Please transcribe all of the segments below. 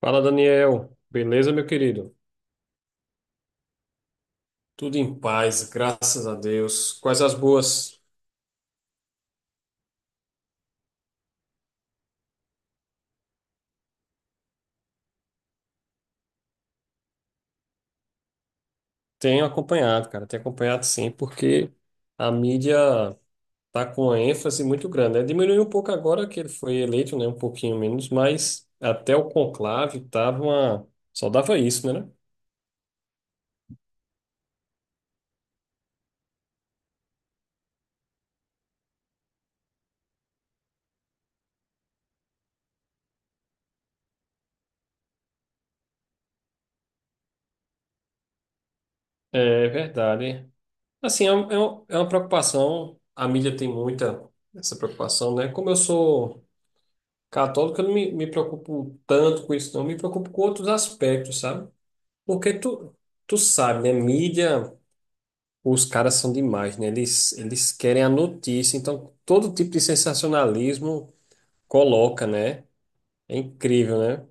Fala, Daniel. Beleza, meu querido? Tudo em paz, graças a Deus. Quais as boas? Tenho acompanhado, cara. Tenho acompanhado sim, porque a mídia tá com uma ênfase muito grande, né? Diminuiu um pouco agora que ele foi eleito, né? Um pouquinho menos, mas até o conclave tava uma só dava isso, né? É verdade. Assim, é, é uma preocupação. A mídia tem muita essa preocupação, né? Como eu sou católico, eu não me preocupo tanto com isso, não. Me preocupo com outros aspectos, sabe? Porque tu, tu sabe, né? Mídia, os caras são demais, né? Eles querem a notícia. Então, todo tipo de sensacionalismo coloca, né? É incrível, né?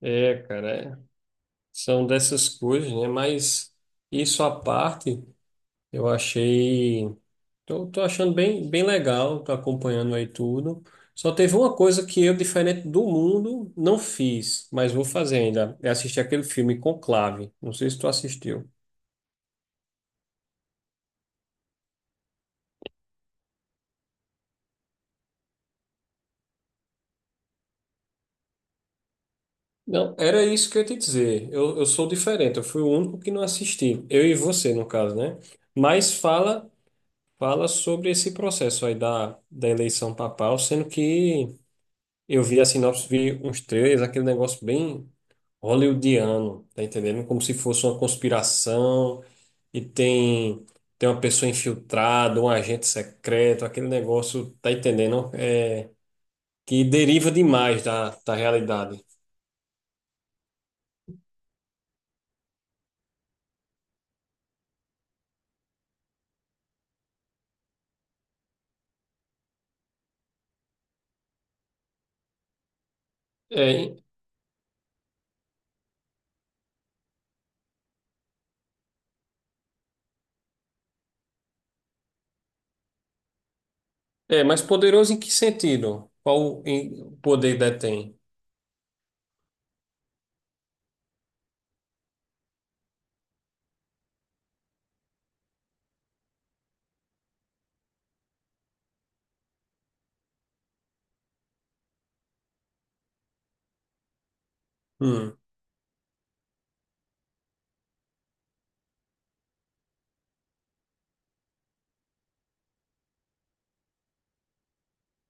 É, cara. É. São dessas coisas, né? Mas isso à parte, eu achei. Tô achando bem, bem legal, tô acompanhando aí tudo. Só teve uma coisa que eu, diferente do mundo, não fiz, mas vou fazer ainda. É assistir aquele filme Conclave. Não sei se tu assistiu. Não, era isso que eu ia te dizer. Eu sou diferente, eu fui o único que não assisti. Eu e você, no caso, né? Mas fala, fala sobre esse processo aí da eleição papal, sendo que eu vi a sinopse, vi uns trailers, aquele negócio bem hollywoodiano, tá entendendo? Como se fosse uma conspiração. E tem uma pessoa infiltrada, um agente secreto, aquele negócio, tá entendendo? É, que deriva demais da realidade. É, em- É, mas poderoso em que sentido? O poder detém? Hum,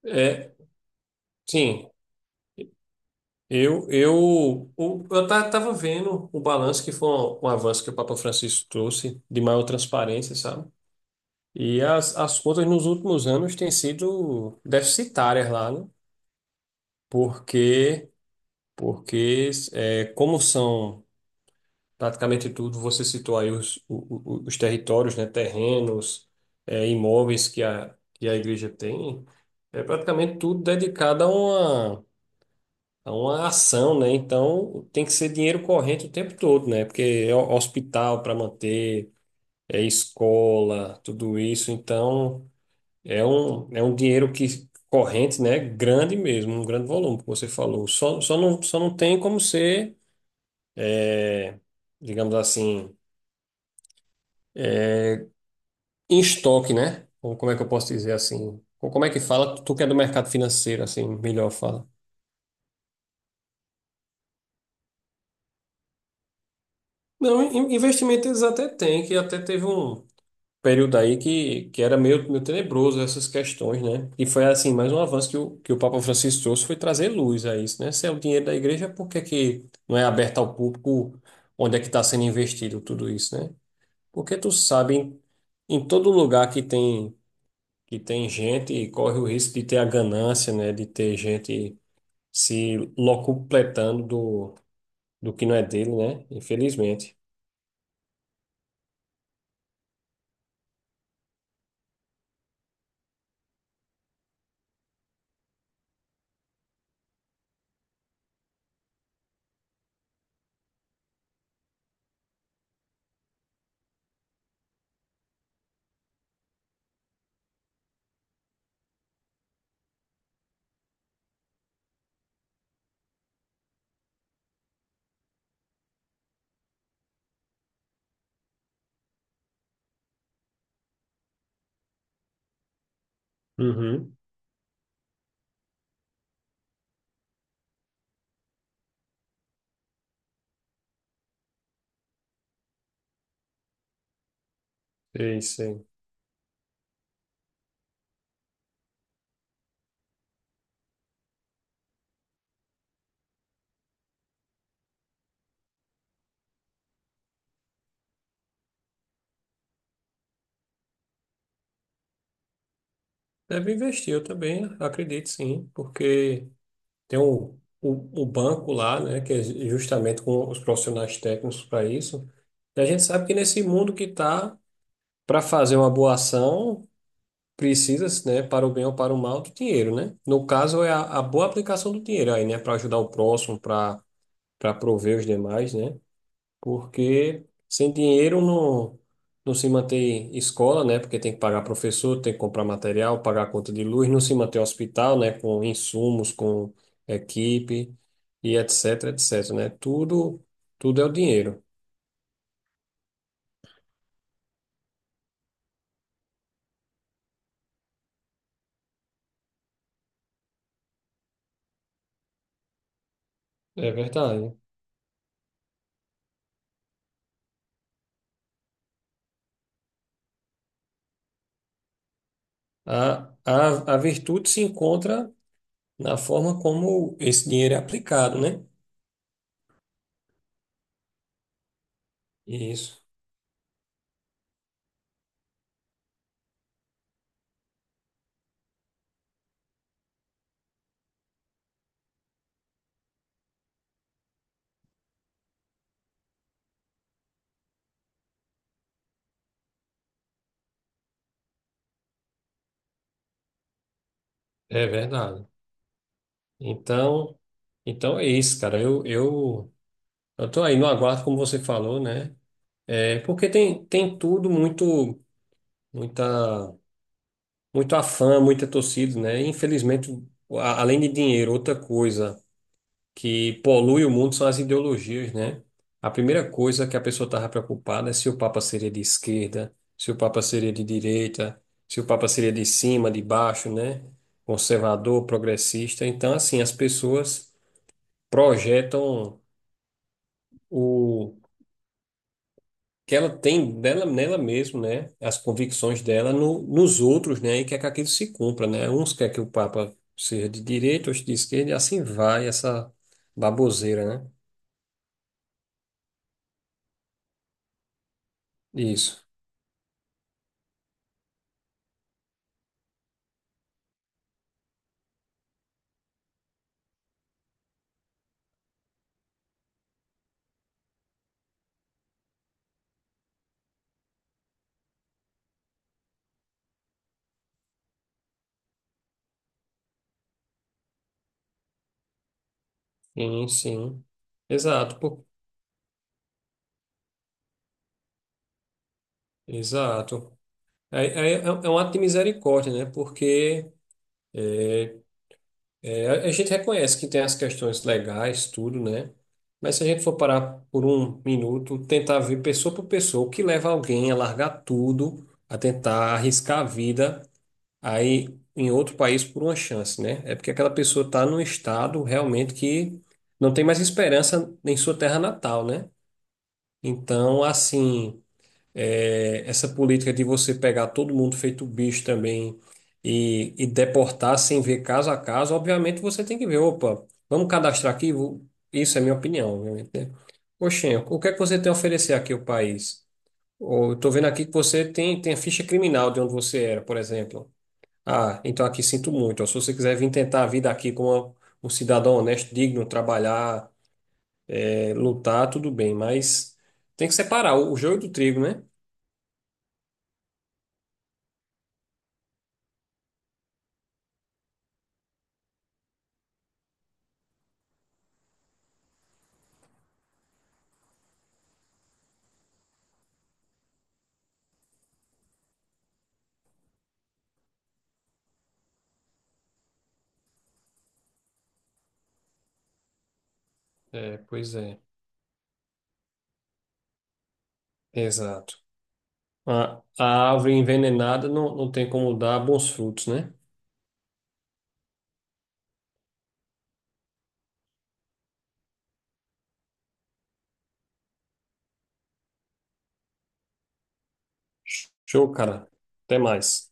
é, sim, eu tava vendo o balanço que foi um, um avanço que o Papa Francisco trouxe de maior transparência, sabe? E as contas nos últimos anos têm sido deficitárias lá, né? Porque porque é, como são praticamente tudo, você citou aí os territórios, né, terrenos, é, imóveis que que a igreja tem, é praticamente tudo dedicado a a uma ação, né? Então tem que ser dinheiro corrente o tempo todo, né? Porque é hospital para manter, é escola, tudo isso, então é um dinheiro que corrente, né? Grande mesmo, um grande volume, como você falou. Só não tem como ser, digamos assim, em estoque, né? Ou como é que eu posso dizer assim? Ou como é que fala? Tu que é do mercado financeiro, assim, melhor fala. Não, investimento eles até têm, que até teve um período aí que era meio, meio tenebroso essas questões, né? E foi, assim, mais um avanço que o Papa Francisco trouxe foi trazer luz a isso, né? Se é o dinheiro da igreja, por que que não é aberto ao público onde é que está sendo investido tudo isso, né? Porque tu sabe, em, em todo lugar que tem gente e corre o risco de ter a ganância, né? De ter gente se locupletando do, do que não é dele, né? Infelizmente. Uhum. É isso. Deve investir, eu também acredito sim, porque tem o banco lá, né? Que é justamente com os profissionais técnicos para isso. E a gente sabe que nesse mundo que tá, para fazer uma boa ação, precisa, né, para o bem ou para o mal, do dinheiro, né? No caso, é a boa aplicação do dinheiro aí, né? Para ajudar o próximo, para prover os demais, né? Porque sem dinheiro não, não se mantém escola, né? Porque tem que pagar professor, tem que comprar material, pagar a conta de luz, não se mantém hospital, né? Com insumos, com equipe e etc, etc, né? Tudo, tudo é o dinheiro. É verdade. A virtude se encontra na forma como esse dinheiro é aplicado, né? Isso, é verdade. Então, então é isso, cara. Eu tô aí no aguardo, como você falou, né? É, porque tem, tem tudo muito, muita, muito afã, muita torcida, né? E, infelizmente, além de dinheiro, outra coisa que polui o mundo são as ideologias, né? A primeira coisa que a pessoa estava preocupada é se o Papa seria de esquerda, se o Papa seria de direita, se o Papa seria de cima, de baixo, né? Conservador, progressista. Então, assim, as pessoas projetam o que ela tem dela, nela mesmo, né? As convicções dela no, nos outros, né? E quer que aquilo se cumpra, né? Uns quer que o Papa seja de direita, outros de esquerda, e assim vai essa baboseira, né? Isso. Sim, sim. Exato, pô. Exato. Aí- aí É, é um ato de misericórdia, né? Porque eh, é, a gente reconhece que tem as questões legais, tudo, né? Mas se a gente for parar por um minuto, tentar ver pessoa por pessoa, o que leva alguém a largar tudo, a tentar arriscar a vida aí em outro país por uma chance, né? É porque aquela pessoa está num estado realmente que não tem mais esperança em sua terra natal, né? Então, assim. É, essa política de você pegar todo mundo feito bicho também e deportar sem ver caso a caso, obviamente você tem que ver, opa, vamos cadastrar aqui? Isso é minha opinião, obviamente, né? Oxê, o que é que você tem a oferecer aqui ao país? Ou eu tô vendo aqui que você tem a ficha criminal de onde você era, por exemplo. Ah, então aqui sinto muito. Ou se você quiser vir tentar a vida aqui como um cidadão honesto, digno, trabalhar, é, lutar, tudo bem, mas tem que separar o joio do trigo, né? É, pois é. Exato. A árvore envenenada não, não tem como dar bons frutos, né? Show, cara. Até mais.